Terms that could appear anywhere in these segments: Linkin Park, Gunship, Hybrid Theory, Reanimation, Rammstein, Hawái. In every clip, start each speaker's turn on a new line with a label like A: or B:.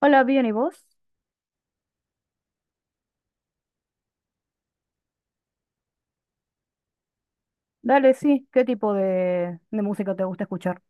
A: Hola, bien, ¿y vos? Dale, sí, ¿qué tipo de música te gusta escuchar?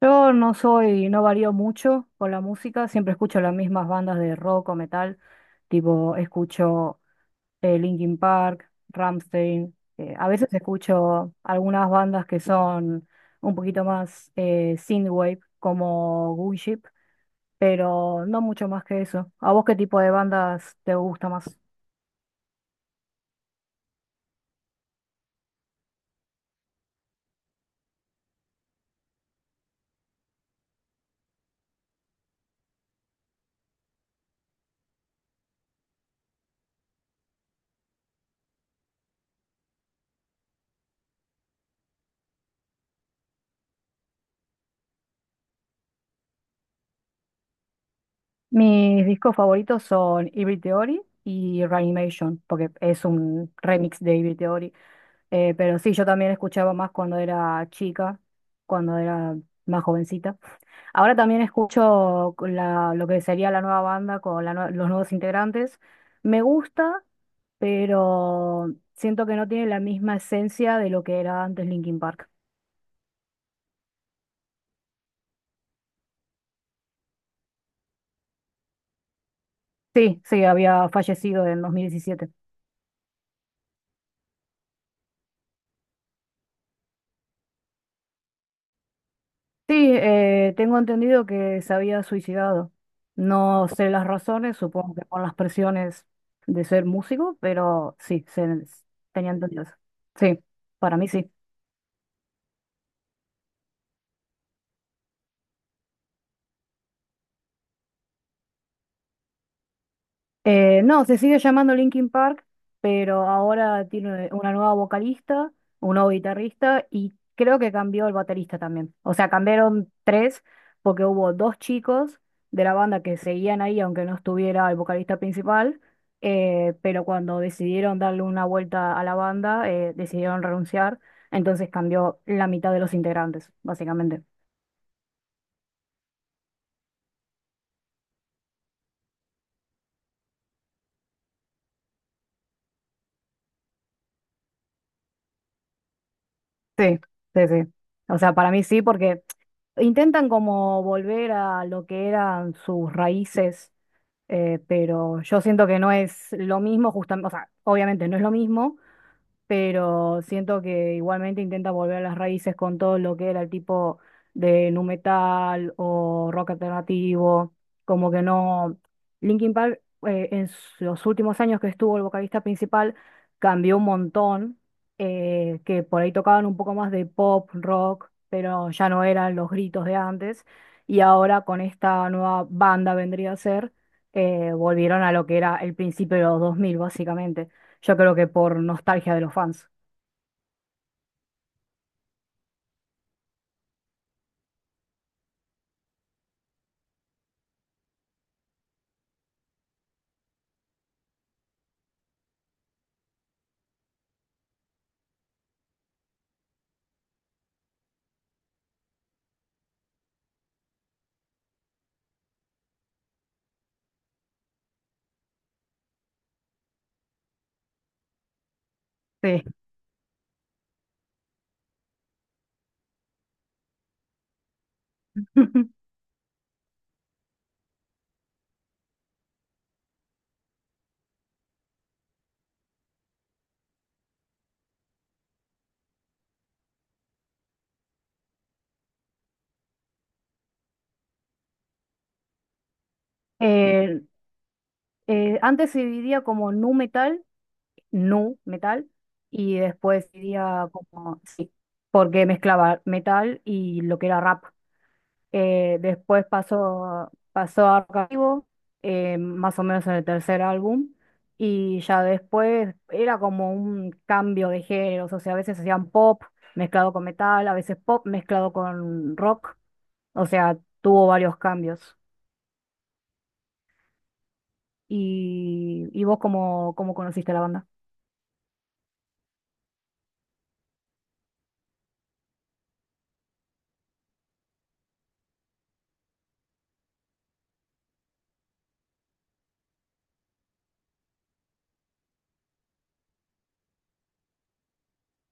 A: Yo no soy, no varío mucho con la música, siempre escucho las mismas bandas de rock o metal, tipo escucho Linkin Park, Rammstein, a veces escucho algunas bandas que son un poquito más synthwave, como Gunship, pero no mucho más que eso. ¿A vos qué tipo de bandas te gusta más? Mis discos favoritos son Hybrid Theory y Reanimation, porque es un remix de Hybrid Theory. Pero sí, yo también escuchaba más cuando era chica, cuando era más jovencita. Ahora también escucho lo que sería la nueva banda con los nuevos integrantes. Me gusta, pero siento que no tiene la misma esencia de lo que era antes Linkin Park. Sí, sí, había fallecido en 2017. Sí, tengo entendido que se había suicidado. No sé las razones, supongo que por las presiones de ser músico, pero tenía entendido eso. Sí, para mí sí. No, se sigue llamando Linkin Park, pero ahora tiene una nueva vocalista, un nuevo guitarrista y creo que cambió el baterista también. O sea, cambiaron tres porque hubo dos chicos de la banda que seguían ahí, aunque no estuviera el vocalista principal, pero cuando decidieron darle una vuelta a la banda, decidieron renunciar, entonces cambió la mitad de los integrantes, básicamente. Sí, sí, sí. O sea, para mí sí, porque... Intentan como volver a lo que eran sus raíces, pero yo siento que no es lo mismo, justamente, o sea, obviamente no es lo mismo, pero siento que igualmente intenta volver a las raíces con todo lo que era el tipo de nu metal o rock alternativo, como que no. Linkin Park los últimos años que estuvo el vocalista principal cambió un montón, que por ahí tocaban un poco más de pop, rock, pero ya no eran los gritos de antes, y ahora con esta nueva banda vendría a ser, volvieron a lo que era el principio de los 2000 básicamente. Yo creo que por nostalgia de los fans. Sí. Eh, Antes se dividía como nu metal, y después se dividía como, sí, porque mezclaba metal y lo que era rap. Después pasó a Archivo, más o menos en el tercer álbum, y ya después era como un cambio de géneros, o sea, a veces hacían pop mezclado con metal, a veces pop mezclado con rock, o sea, tuvo varios cambios. Y vos cómo, cómo conociste la banda.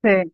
A: Sí.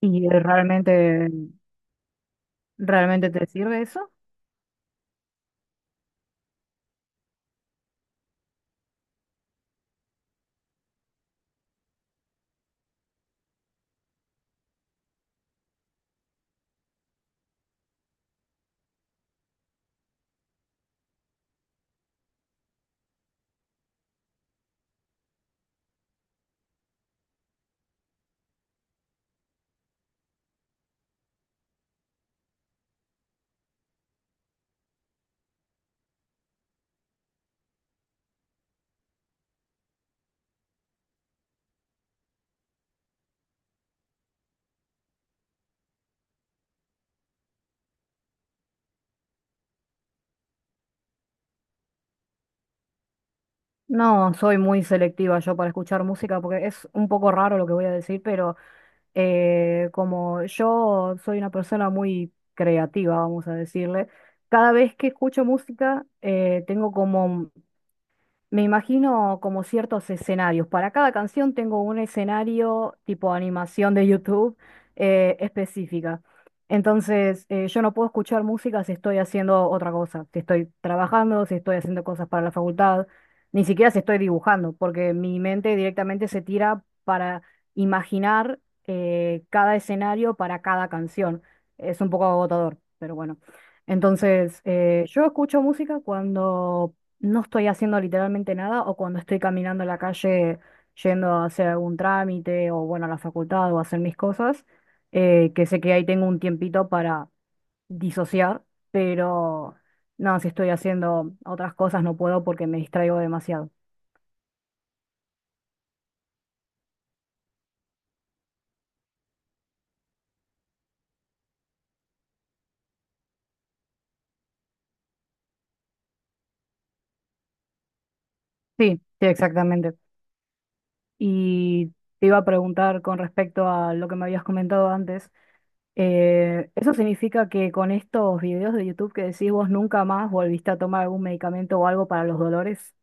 A: ¿Y realmente, realmente te sirve eso? No, soy muy selectiva yo para escuchar música porque es un poco raro lo que voy a decir, pero como yo soy una persona muy creativa, vamos a decirle, cada vez que escucho música tengo como Me imagino como ciertos escenarios. Para cada canción tengo un escenario tipo animación de YouTube específica. Entonces, yo no puedo escuchar música si estoy haciendo otra cosa, si estoy trabajando, si estoy haciendo cosas para la facultad, ni siquiera si estoy dibujando, porque mi mente directamente se tira para imaginar cada escenario para cada canción. Es un poco agotador, pero bueno. Entonces, yo escucho música cuando no estoy haciendo literalmente nada o cuando estoy caminando en la calle yendo a hacer algún trámite o bueno, a la facultad o a hacer mis cosas, que sé que ahí tengo un tiempito para disociar, pero no, si estoy haciendo otras cosas no puedo porque me distraigo demasiado. Sí, sí, exactamente. Y te iba a preguntar con respecto a lo que me habías comentado antes. ¿Eso significa que con estos videos de YouTube que decís vos nunca más volviste a tomar algún medicamento o algo para los dolores?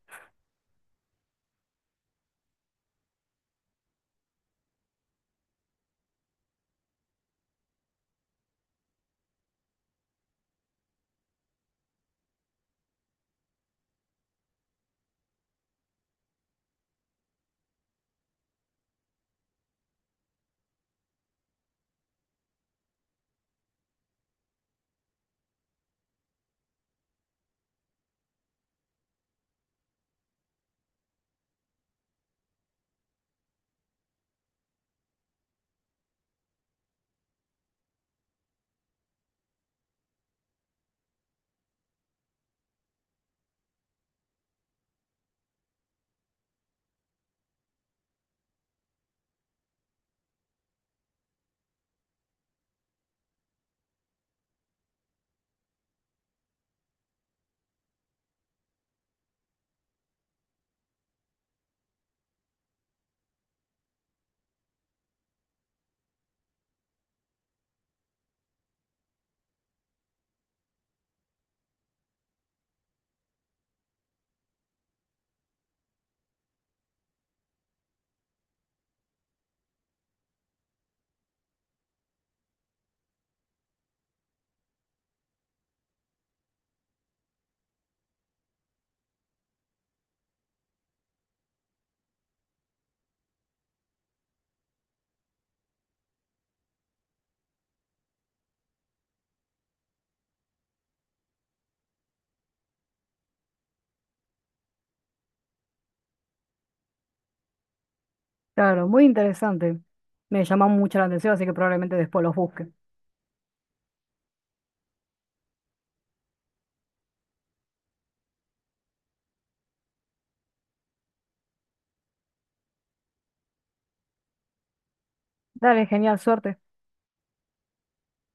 A: Claro, muy interesante. Me llama mucho la atención, así que probablemente después los busque. Dale, genial, suerte.